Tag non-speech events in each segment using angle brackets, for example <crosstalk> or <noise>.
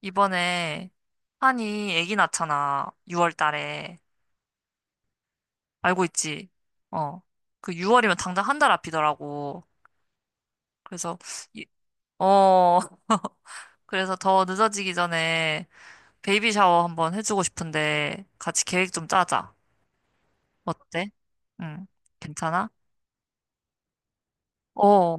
이번에 한이 아기 낳잖아. 6월 달에. 알고 있지? 어. 그 6월이면 당장 한달 앞이더라고. 그래서 이- 어. <laughs> 그래서 더 늦어지기 전에 베이비 샤워 한번 해주고 싶은데 같이 계획 좀 짜자. 어때? 응. 괜찮아? 어.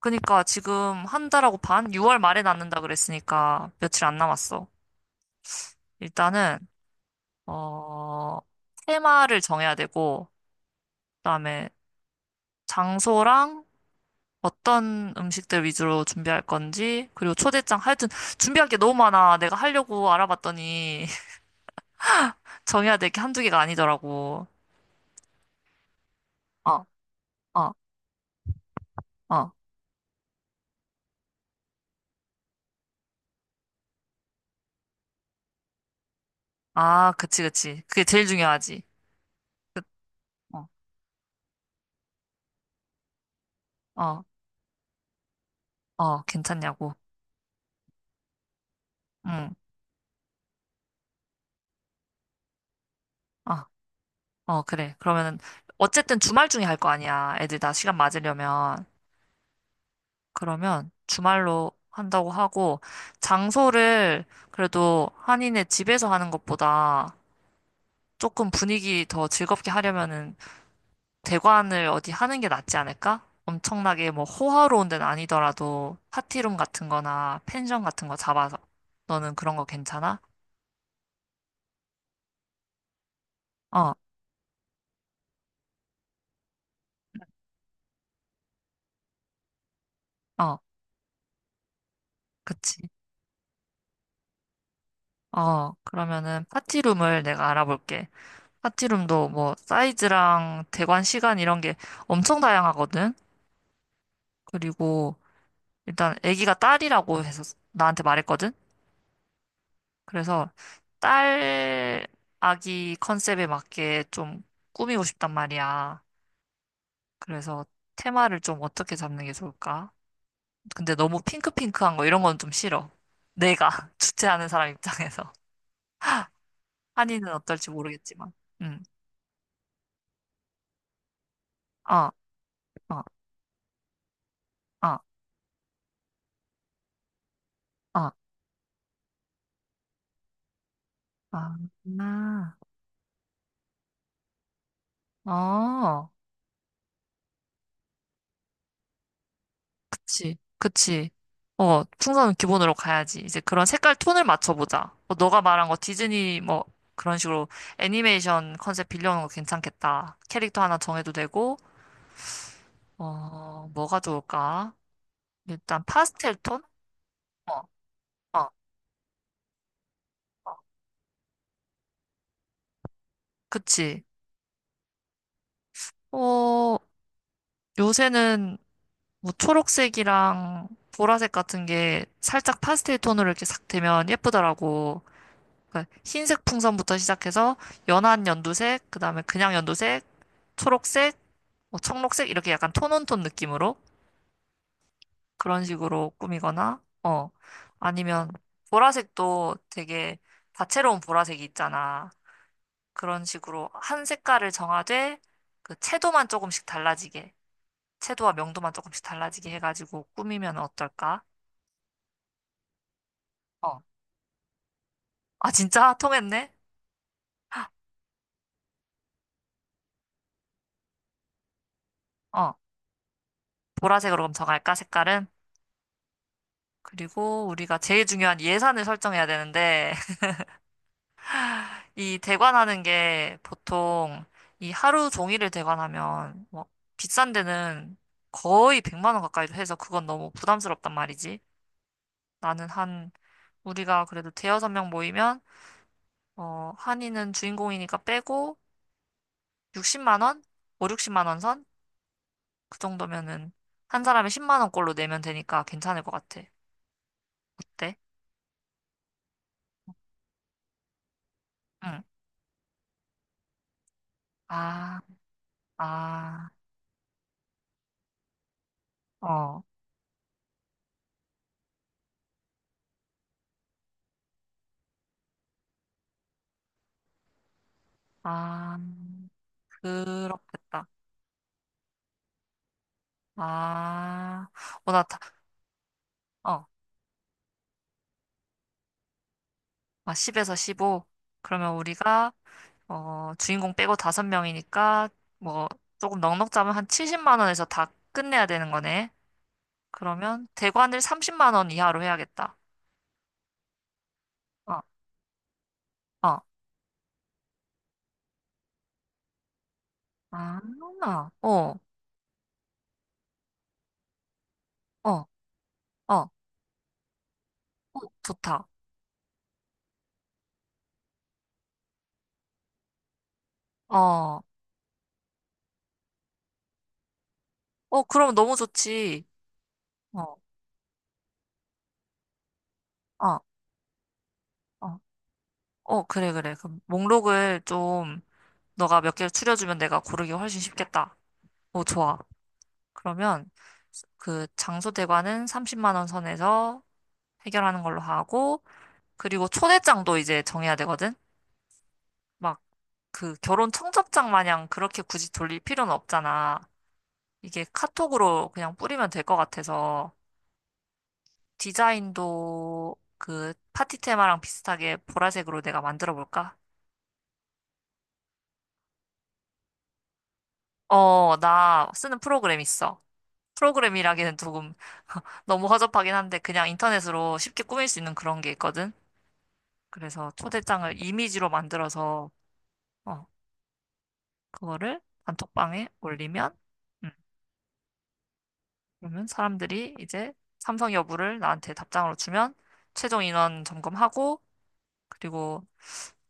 그니까 지금 한 달하고 반? 6월 말에 낳는다 그랬으니까 며칠 안 남았어. 일단은 어, 테마를 정해야 되고 그다음에 장소랑 어떤 음식들 위주로 준비할 건지, 그리고 초대장, 하여튼 준비할 게 너무 많아. 내가 하려고 알아봤더니 <laughs> 정해야 될 게 한두 개가 아니더라고. 어, 어, 어. 아, 그치, 그치. 그게 제일 중요하지. 어, 어, 어, 괜찮냐고. 응, 어, 어, 그래. 그러면은, 어쨌든 주말 중에 할 거 아니야. 애들 다 시간 맞으려면. 그러면 주말로 한다고 하고, 장소를 그래도 한인의 집에서 하는 것보다 조금 분위기 더 즐겁게 하려면은 대관을 어디 하는 게 낫지 않을까? 엄청나게 뭐 호화로운 데는 아니더라도 파티룸 같은 거나 펜션 같은 거 잡아서. 너는 그런 거 괜찮아? 어, 어, 그치. 어, 그러면은 파티룸을 내가 알아볼게. 파티룸도 뭐 사이즈랑 대관 시간 이런 게 엄청 다양하거든? 그리고 일단 아기가 딸이라고 해서 나한테 말했거든? 그래서 딸 아기 컨셉에 맞게 좀 꾸미고 싶단 말이야. 그래서 테마를 좀 어떻게 잡는 게 좋을까? 근데 너무 핑크핑크한 거 이런 건 좀 싫어. 내가 <laughs> 주최하는 사람 입장에서. 한이는 어떨지 모르겠지만. 응. 어, 어, 어, 어, 어. 아, 어. 그치, 그치. 어, 풍선은 기본으로 가야지. 이제 그런 색깔 톤을 맞춰보자. 어, 너가 말한 거 디즈니 뭐 그런 식으로 애니메이션 컨셉 빌려오는 거 괜찮겠다. 캐릭터 하나 정해도 되고, 어, 뭐가 좋을까? 일단 파스텔 톤? 어, 어, 그치. 어, 요새는 뭐 초록색이랑 보라색 같은 게 살짝 파스텔 톤으로 이렇게 싹 되면 예쁘더라고. 그러니까 흰색 풍선부터 시작해서 연한 연두색, 그다음에 그냥 연두색, 초록색, 뭐 청록색 이렇게 약간 톤온톤 느낌으로 그런 식으로 꾸미거나 어, 아니면 보라색도 되게 다채로운 보라색이 있잖아. 그런 식으로 한 색깔을 정하되 그 채도만 조금씩 달라지게 채도와 명도만 조금씩 달라지게 해가지고 꾸미면 어떨까? 어. 아 진짜 통했네. 어, 보라색으로 그럼 정할까 색깔은? 그리고 우리가 제일 중요한 예산을 설정해야 되는데 이 대관하는 게 보통 이 하루 종일을 대관하면 뭐 비싼 데는 거의 100만 원 가까이도 해서 그건 너무 부담스럽단 말이지. 나는 한 우리가 그래도 대여섯 명 모이면 어, 한이는 주인공이니까 빼고 60만 원, 5, 60만 원 선? 그 정도면은 한 사람에 10만 원꼴로 내면 되니까 괜찮을 것 같아. 어때? 응. 아, 아, 어, 아, 그렇겠다. 아, 어, 어. 아, 10에서 15. 그러면 우리가, 어, 주인공 빼고 5명이니까, 뭐, 조금 넉넉 잡으면 한 70만 원에서 다 끝내야 되는 거네. 그러면 대관을 30만 원 이하로 해야겠다. 어, 어. 아, 어, 어, 어, 어, 어, 좋다. 어, 어, 그럼 너무 좋지. 어, 어, 어, 어, 그래, 그래. 그럼 목록을 좀, 너가 몇 개를 추려주면 내가 고르기 훨씬 쉽겠다. 어, 좋아. 그러면 그 장소 대관은 30만 원 선에서 해결하는 걸로 하고 그리고 초대장도 이제 정해야 되거든. 막 그 결혼 청첩장 마냥 그렇게 굳이 돌릴 필요는 없잖아. 이게 카톡으로 그냥 뿌리면 될 것 같아서 디자인도 그 파티 테마랑 비슷하게 보라색으로 내가 만들어 볼까? 어, 나 쓰는 프로그램 있어. 프로그램이라기는 조금 <laughs> 너무 허접하긴 한데 그냥 인터넷으로 쉽게 꾸밀 수 있는 그런 게 있거든. 그래서 초대장을 이미지로 만들어서 어, 그거를 단톡방에 올리면 음, 그러면 사람들이 이제 참석 여부를 나한테 답장으로 주면 최종 인원 점검하고 그리고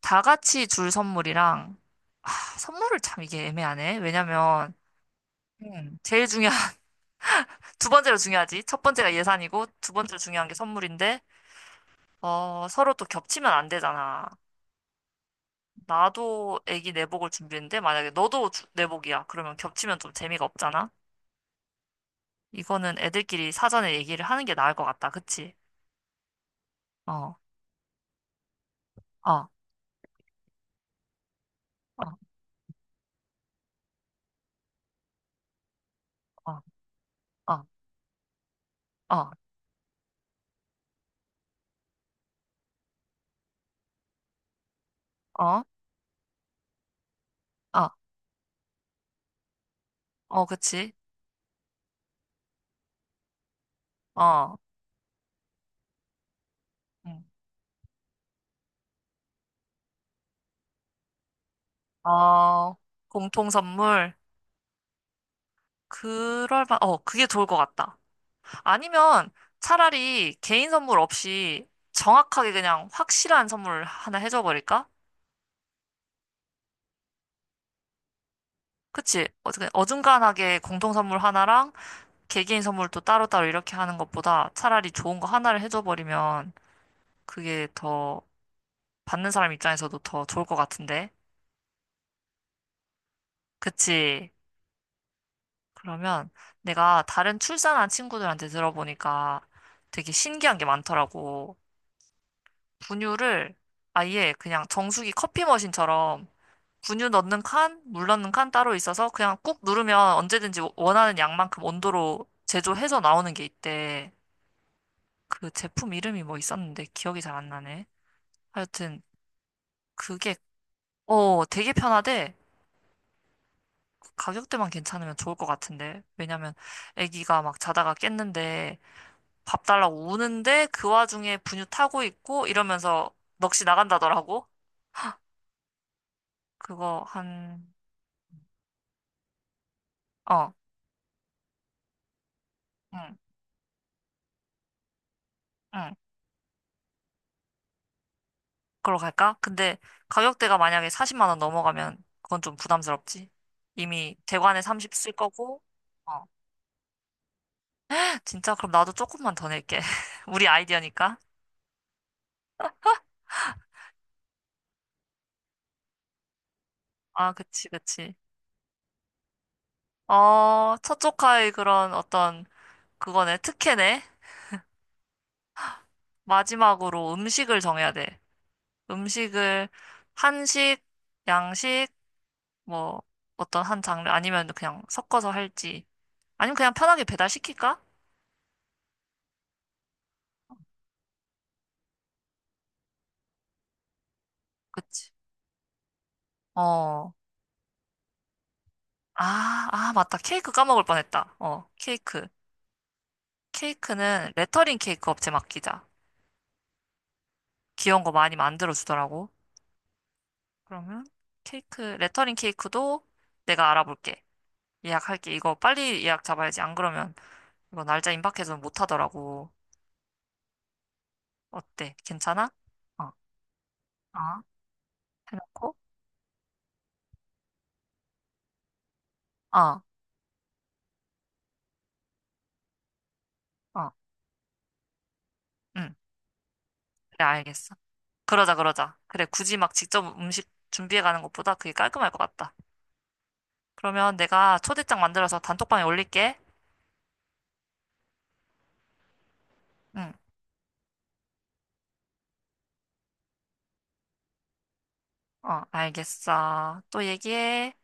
다 같이 줄 선물이랑 아, 선물을 참 이게 애매하네. 왜냐면 제일 중요한 <laughs> 두 번째로 중요하지. 첫 번째가 예산이고 두 번째로 중요한 게 선물인데 어, 서로 또 겹치면 안 되잖아. 나도 애기 내복을 준비했는데 만약에 너도 내복이야. 그러면 겹치면 좀 재미가 없잖아. 이거는 애들끼리 사전에 얘기를 하는 게 나을 것 같다. 그치? 어, 어, 어, 어, 어, 어, 어, 어, 어, 그치? 어, 음. 어, 공통 선물. 그럴 바, 어, 그게 좋을 것 같다. 아니면 차라리 개인 선물 없이 정확하게 그냥 확실한 선물 하나 해줘 버릴까? 그치? 어, 그냥 어중간하게 공통 선물 하나랑 개개인 선물도 따로따로 이렇게 하는 것보다 차라리 좋은 거 하나를 해줘 버리면 그게 더 받는 사람 입장에서도 더 좋을 것 같은데. 그치? 그러면 내가 다른 출산한 친구들한테 들어보니까 되게 신기한 게 많더라고. 분유를 아예 그냥 정수기 커피 머신처럼 분유 넣는 칸, 물 넣는 칸 따로 있어서 그냥 꾹 누르면 언제든지 원하는 양만큼 온도로 제조해서 나오는 게 있대. 그 제품 이름이 뭐 있었는데 기억이 잘 안 나네. 하여튼 그게 어, 되게 편하대. 가격대만 괜찮으면 좋을 것 같은데. 왜냐면 아기가 막 자다가 깼는데 밥 달라고 우는데 그 와중에 분유 타고 있고 이러면서 넋이 나간다더라고. 그거 한, 어, 응, 응. 그걸로 갈까? 근데 가격대가 만약에 40만 원 넘어가면 그건 좀 부담스럽지. 이미 대관에 30 쓸 거고. 어. <laughs> 진짜 그럼 나도 조금만 더 낼게. <laughs> 우리 아이디어니까. 아, 그치, 그치. 어, 첫 조카의 그런 어떤 그거네, 특혜네. 마지막으로 음식을 정해야 돼. 음식을 한식, 양식, 뭐 어떤 한 장르 아니면 그냥 섞어서 할지 아니면 그냥 편하게 배달시킬까? 그치. 어. 아, 아, 맞다. 케이크 까먹을 뻔했다. 어, 케이크. 케이크는 레터링 케이크 업체 맡기자. 귀여운 거 많이 만들어 주더라고. 그러면 케이크, 레터링 케이크도 내가 알아볼게. 예약할게. 이거 빨리 예약 잡아야지. 안 그러면 이거 날짜 임박해서 못 하더라고. 어때? 괜찮아? 어. 어, 해놓고, 어, 어, 응, 그래, 알겠어. 그러자, 그러자. 그래, 굳이 막 직접 음식 준비해 가는 것보다 그게 깔끔할 것 같다. 그러면 내가 초대장 만들어서 단톡방에 올릴게. 응, 어, 알겠어. 또 얘기해.